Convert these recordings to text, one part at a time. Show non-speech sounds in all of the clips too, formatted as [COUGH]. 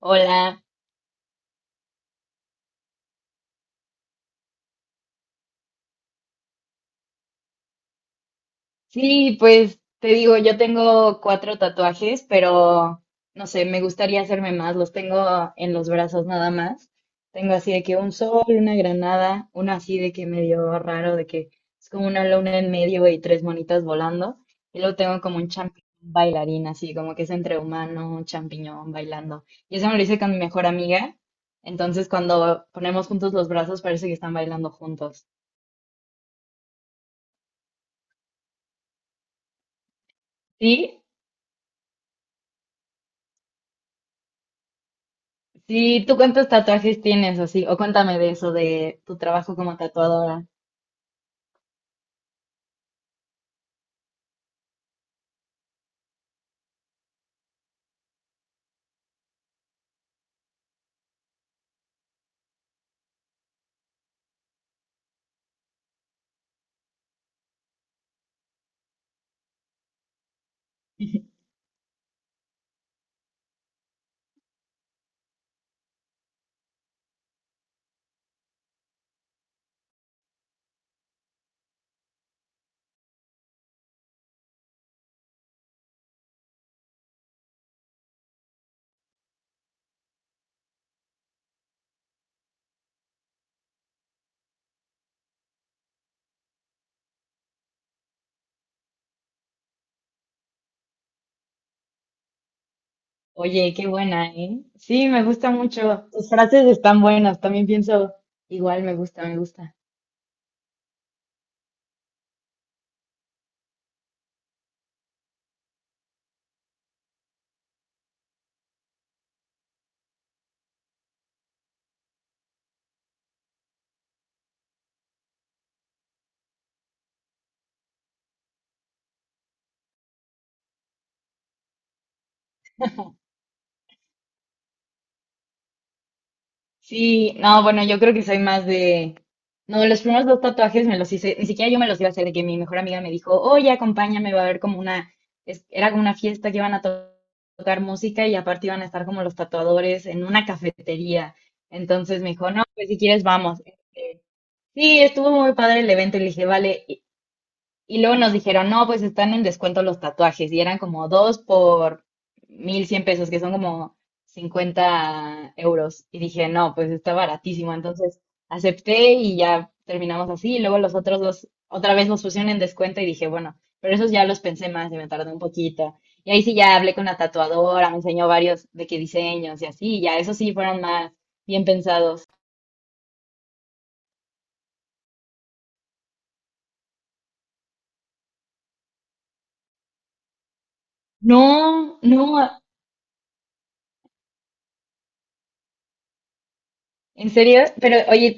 Hola. Sí, pues te digo, yo tengo cuatro tatuajes, pero no sé, me gustaría hacerme más. Los tengo en los brazos nada más. Tengo así de que un sol, una granada, uno así de que medio raro, de que es como una luna en medio y tres monitas volando. Y luego tengo como un champiñón bailarín, así como que es entre humano, un champiñón bailando. Y eso me lo hice con mi mejor amiga. Entonces, cuando ponemos juntos los brazos, parece que están bailando juntos. ¿Sí? Sí, ¿tú cuántos tatuajes tienes así? O cuéntame de eso, de tu trabajo como tatuadora. Oye, qué buena, ¿eh? Sí, me gusta mucho. Tus frases están buenas, también pienso, igual me gusta, me gusta. Sí, no, bueno, yo creo que soy más de... No, los primeros dos tatuajes me los hice, ni siquiera yo me los iba a hacer, de que mi mejor amiga me dijo, oye, acompáñame, va a haber como una, era como una fiesta que iban a tocar música y aparte iban a estar como los tatuadores en una cafetería. Entonces me dijo, no, pues si quieres vamos. Sí, estuvo muy padre el evento y le dije, vale. Y luego nos dijeron, no, pues están en descuento los tatuajes. Y eran como dos por 1100 pesos, que son como 50 euros. Y dije, no, pues está baratísimo. Entonces acepté y ya terminamos así. Y luego los otros dos, otra vez los pusieron en descuento y dije, bueno, pero esos ya los pensé más y me tardé un poquito. Y ahí sí ya hablé con la tatuadora, me enseñó varios de qué diseños y así. Y ya, esos sí fueron más bien pensados. No, no. ¿En serio? Pero oye,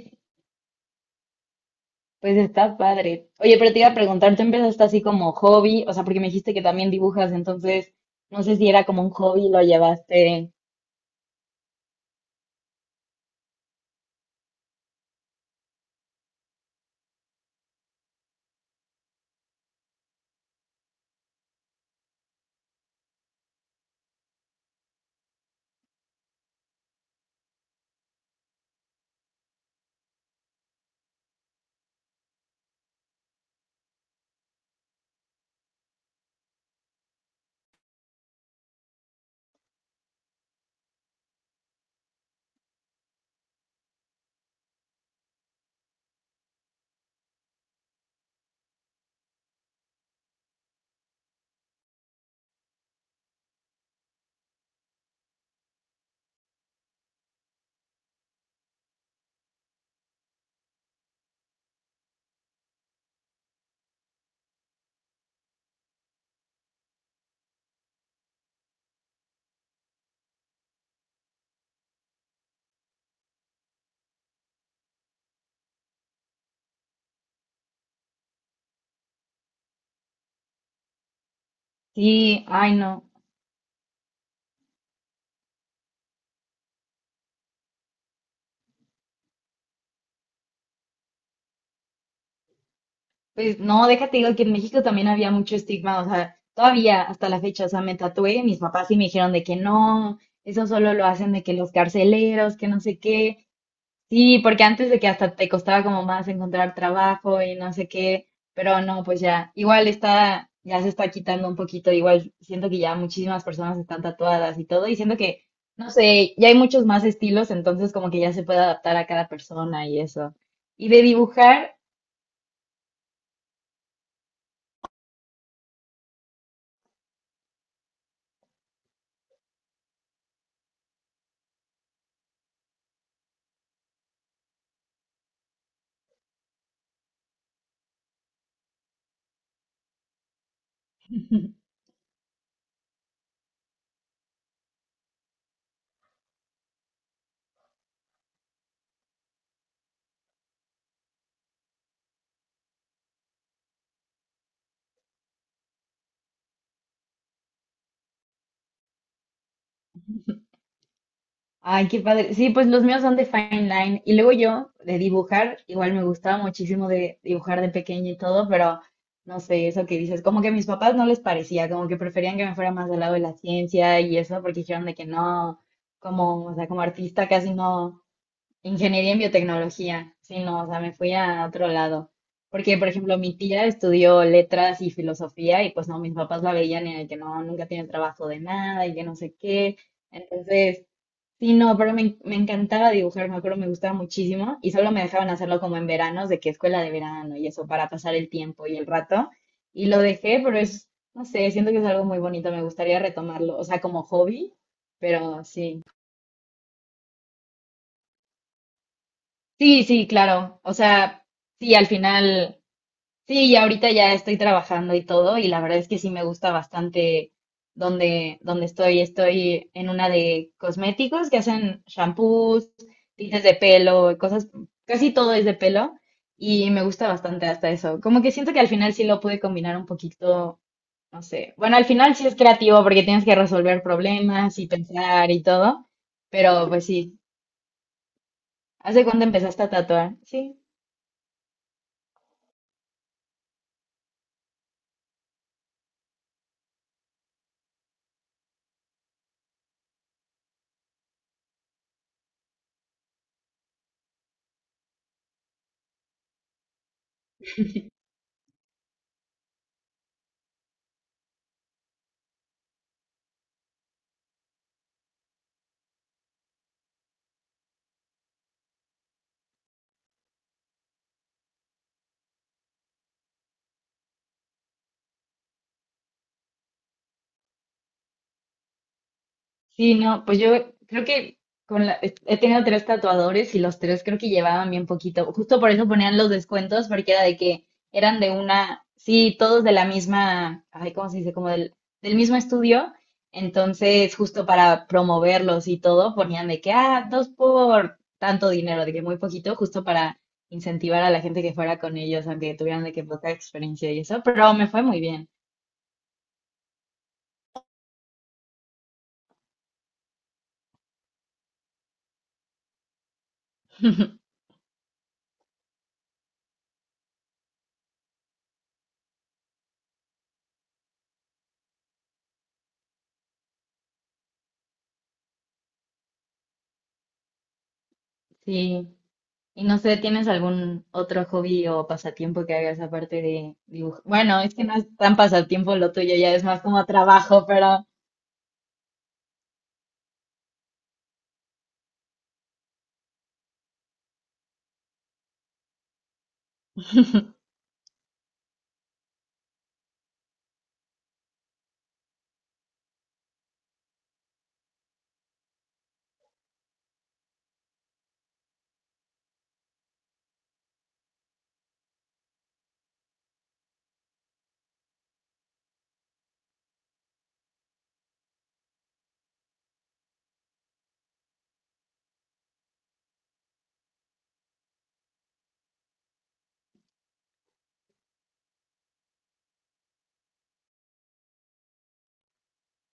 pues está padre. Oye, pero te iba a preguntar, ¿tú empezaste así como hobby? O sea, porque me dijiste que también dibujas, entonces no sé si era como un hobby, lo llevaste. Sí, ay no. Pues no, déjate digo que en México también había mucho estigma, o sea, todavía hasta la fecha, o sea, me tatué, mis papás sí me dijeron de que no, eso solo lo hacen de que los carceleros, que no sé qué. Sí, porque antes de que hasta te costaba como más encontrar trabajo y no sé qué, pero no, pues ya, igual está, ya se está quitando un poquito, igual siento que ya muchísimas personas están tatuadas y todo, y siento que, no sé, ya hay muchos más estilos, entonces como que ya se puede adaptar a cada persona y eso. Y de dibujar, [LAUGHS] ay, qué padre. Sí, pues los míos son de fine line. Y luego yo, de dibujar, igual me gustaba muchísimo de dibujar de pequeña y todo, pero no sé, eso que dices, como que a mis papás no les parecía, como que preferían que me fuera más del lado de la ciencia y eso, porque dijeron de que no, como, o sea, como artista casi no, ingeniería en biotecnología, sino, o sea, me fui a otro lado. Porque, por ejemplo, mi tía estudió letras y filosofía y pues no, mis papás la veían y de que no, nunca tiene trabajo de nada y que no sé qué. Entonces... sí, no, pero me encantaba dibujar, me acuerdo, me gustaba muchísimo y solo me dejaban hacerlo como en veranos, de que escuela de verano y eso, para pasar el tiempo y el rato. Y lo dejé, pero es, no sé, siento que es algo muy bonito, me gustaría retomarlo, o sea, como hobby, pero sí. Sí, sí, claro, o sea, sí, al final. Sí, y ahorita ya estoy trabajando y todo, y la verdad es que sí me gusta bastante donde estoy. Estoy en una de cosméticos que hacen shampoos, tintes de pelo, cosas, casi todo es de pelo, y me gusta bastante hasta eso. Como que siento que al final sí lo pude combinar un poquito, no sé. Bueno, al final sí es creativo porque tienes que resolver problemas y pensar y todo, pero pues sí. ¿Hace cuándo empezaste a tatuar? Sí. Sí, no, pues yo creo que he tenido tres tatuadores y los tres creo que llevaban bien poquito. Justo por eso ponían los descuentos, porque era de que eran de una, sí, todos de la misma, ay, ¿cómo se dice? Como del mismo estudio. Entonces, justo para promoverlos y todo, ponían de que, ah, dos por tanto dinero, de que muy poquito, justo para incentivar a la gente que fuera con ellos, aunque tuvieran de que poca experiencia y eso, pero me fue muy bien. Sí. Y no sé, ¿tienes algún otro hobby o pasatiempo que hagas aparte de dibujar? Bueno, es que no es tan pasatiempo lo tuyo, ya es más como trabajo, pero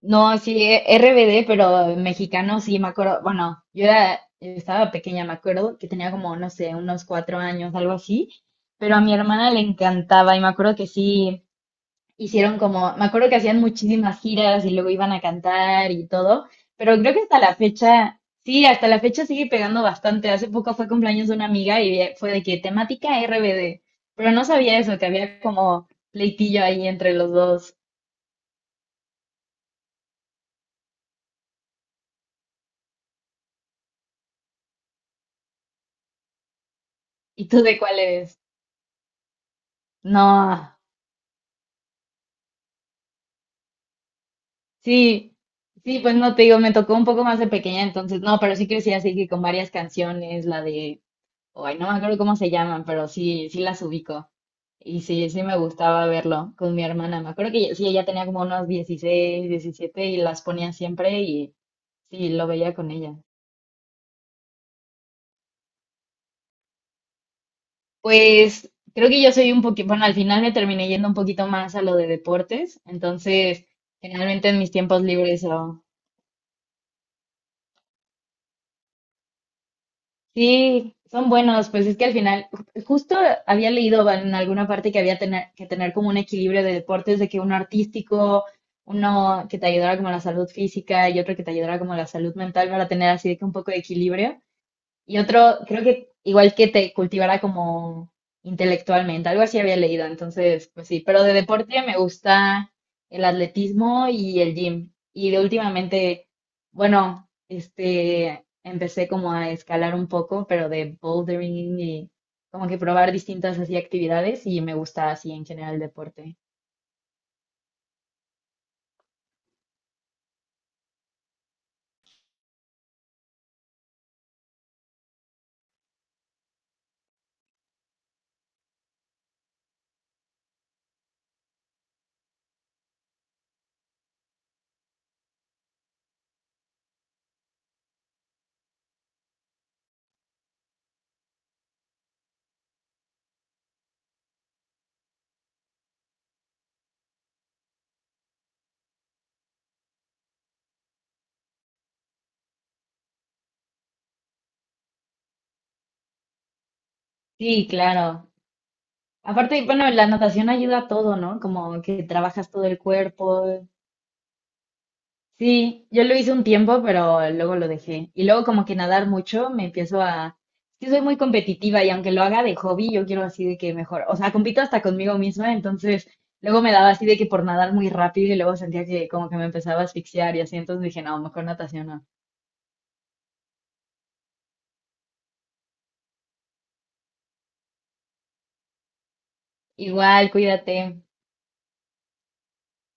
no, sí, RBD, pero mexicano, sí, me acuerdo, bueno, yo era, estaba pequeña, me acuerdo que tenía como, no sé, unos cuatro años, algo así, pero a mi hermana le encantaba y me acuerdo que sí. Hicieron como, me acuerdo que hacían muchísimas giras y luego iban a cantar y todo, pero creo que hasta la fecha, sí, hasta la fecha sigue pegando bastante. Hace poco fue cumpleaños de una amiga y fue de que temática RBD, pero no sabía eso, que había como pleitillo ahí entre los dos. ¿Y tú de cuál eres? No, sí, sí, pues no te digo, me tocó un poco más de pequeña, entonces no, pero sí crecí así que con varias canciones, la de, ay, no me acuerdo cómo se llaman, pero sí, sí las ubico. Y sí, sí me gustaba verlo con mi hermana. Me acuerdo que sí, ella tenía como unos 16, 17 y las ponía siempre y sí, lo veía con ella. Pues creo que yo soy un poquito, bueno, al final me terminé yendo un poquito más a lo de deportes, entonces generalmente en mis tiempos libres. Sí, son buenos, pues es que al final, justo había leído bueno, en alguna parte que había tener, que tener como un equilibrio de deportes, de que uno artístico, uno que te ayudara como a la salud física y otro que te ayudara como a la salud mental para tener así de que un poco de equilibrio. Y otro, creo que igual que te cultivara como intelectualmente, algo así había leído, entonces, pues sí, pero de deporte me gusta el atletismo y el gym. Y de últimamente, bueno, este, empecé como a escalar un poco, pero de bouldering y como que probar distintas así actividades y me gusta así en general el deporte. Sí, claro. Aparte, bueno, la natación ayuda a todo, ¿no? Como que trabajas todo el cuerpo. Sí, yo lo hice un tiempo, pero luego lo dejé. Y luego como que nadar mucho, me empiezo a... Es que soy muy competitiva y aunque lo haga de hobby, yo quiero así de que mejor. O sea, compito hasta conmigo misma, entonces luego me daba así de que por nadar muy rápido y luego sentía que como que me empezaba a asfixiar y así, entonces dije, no, mejor natación no. Igual, cuídate.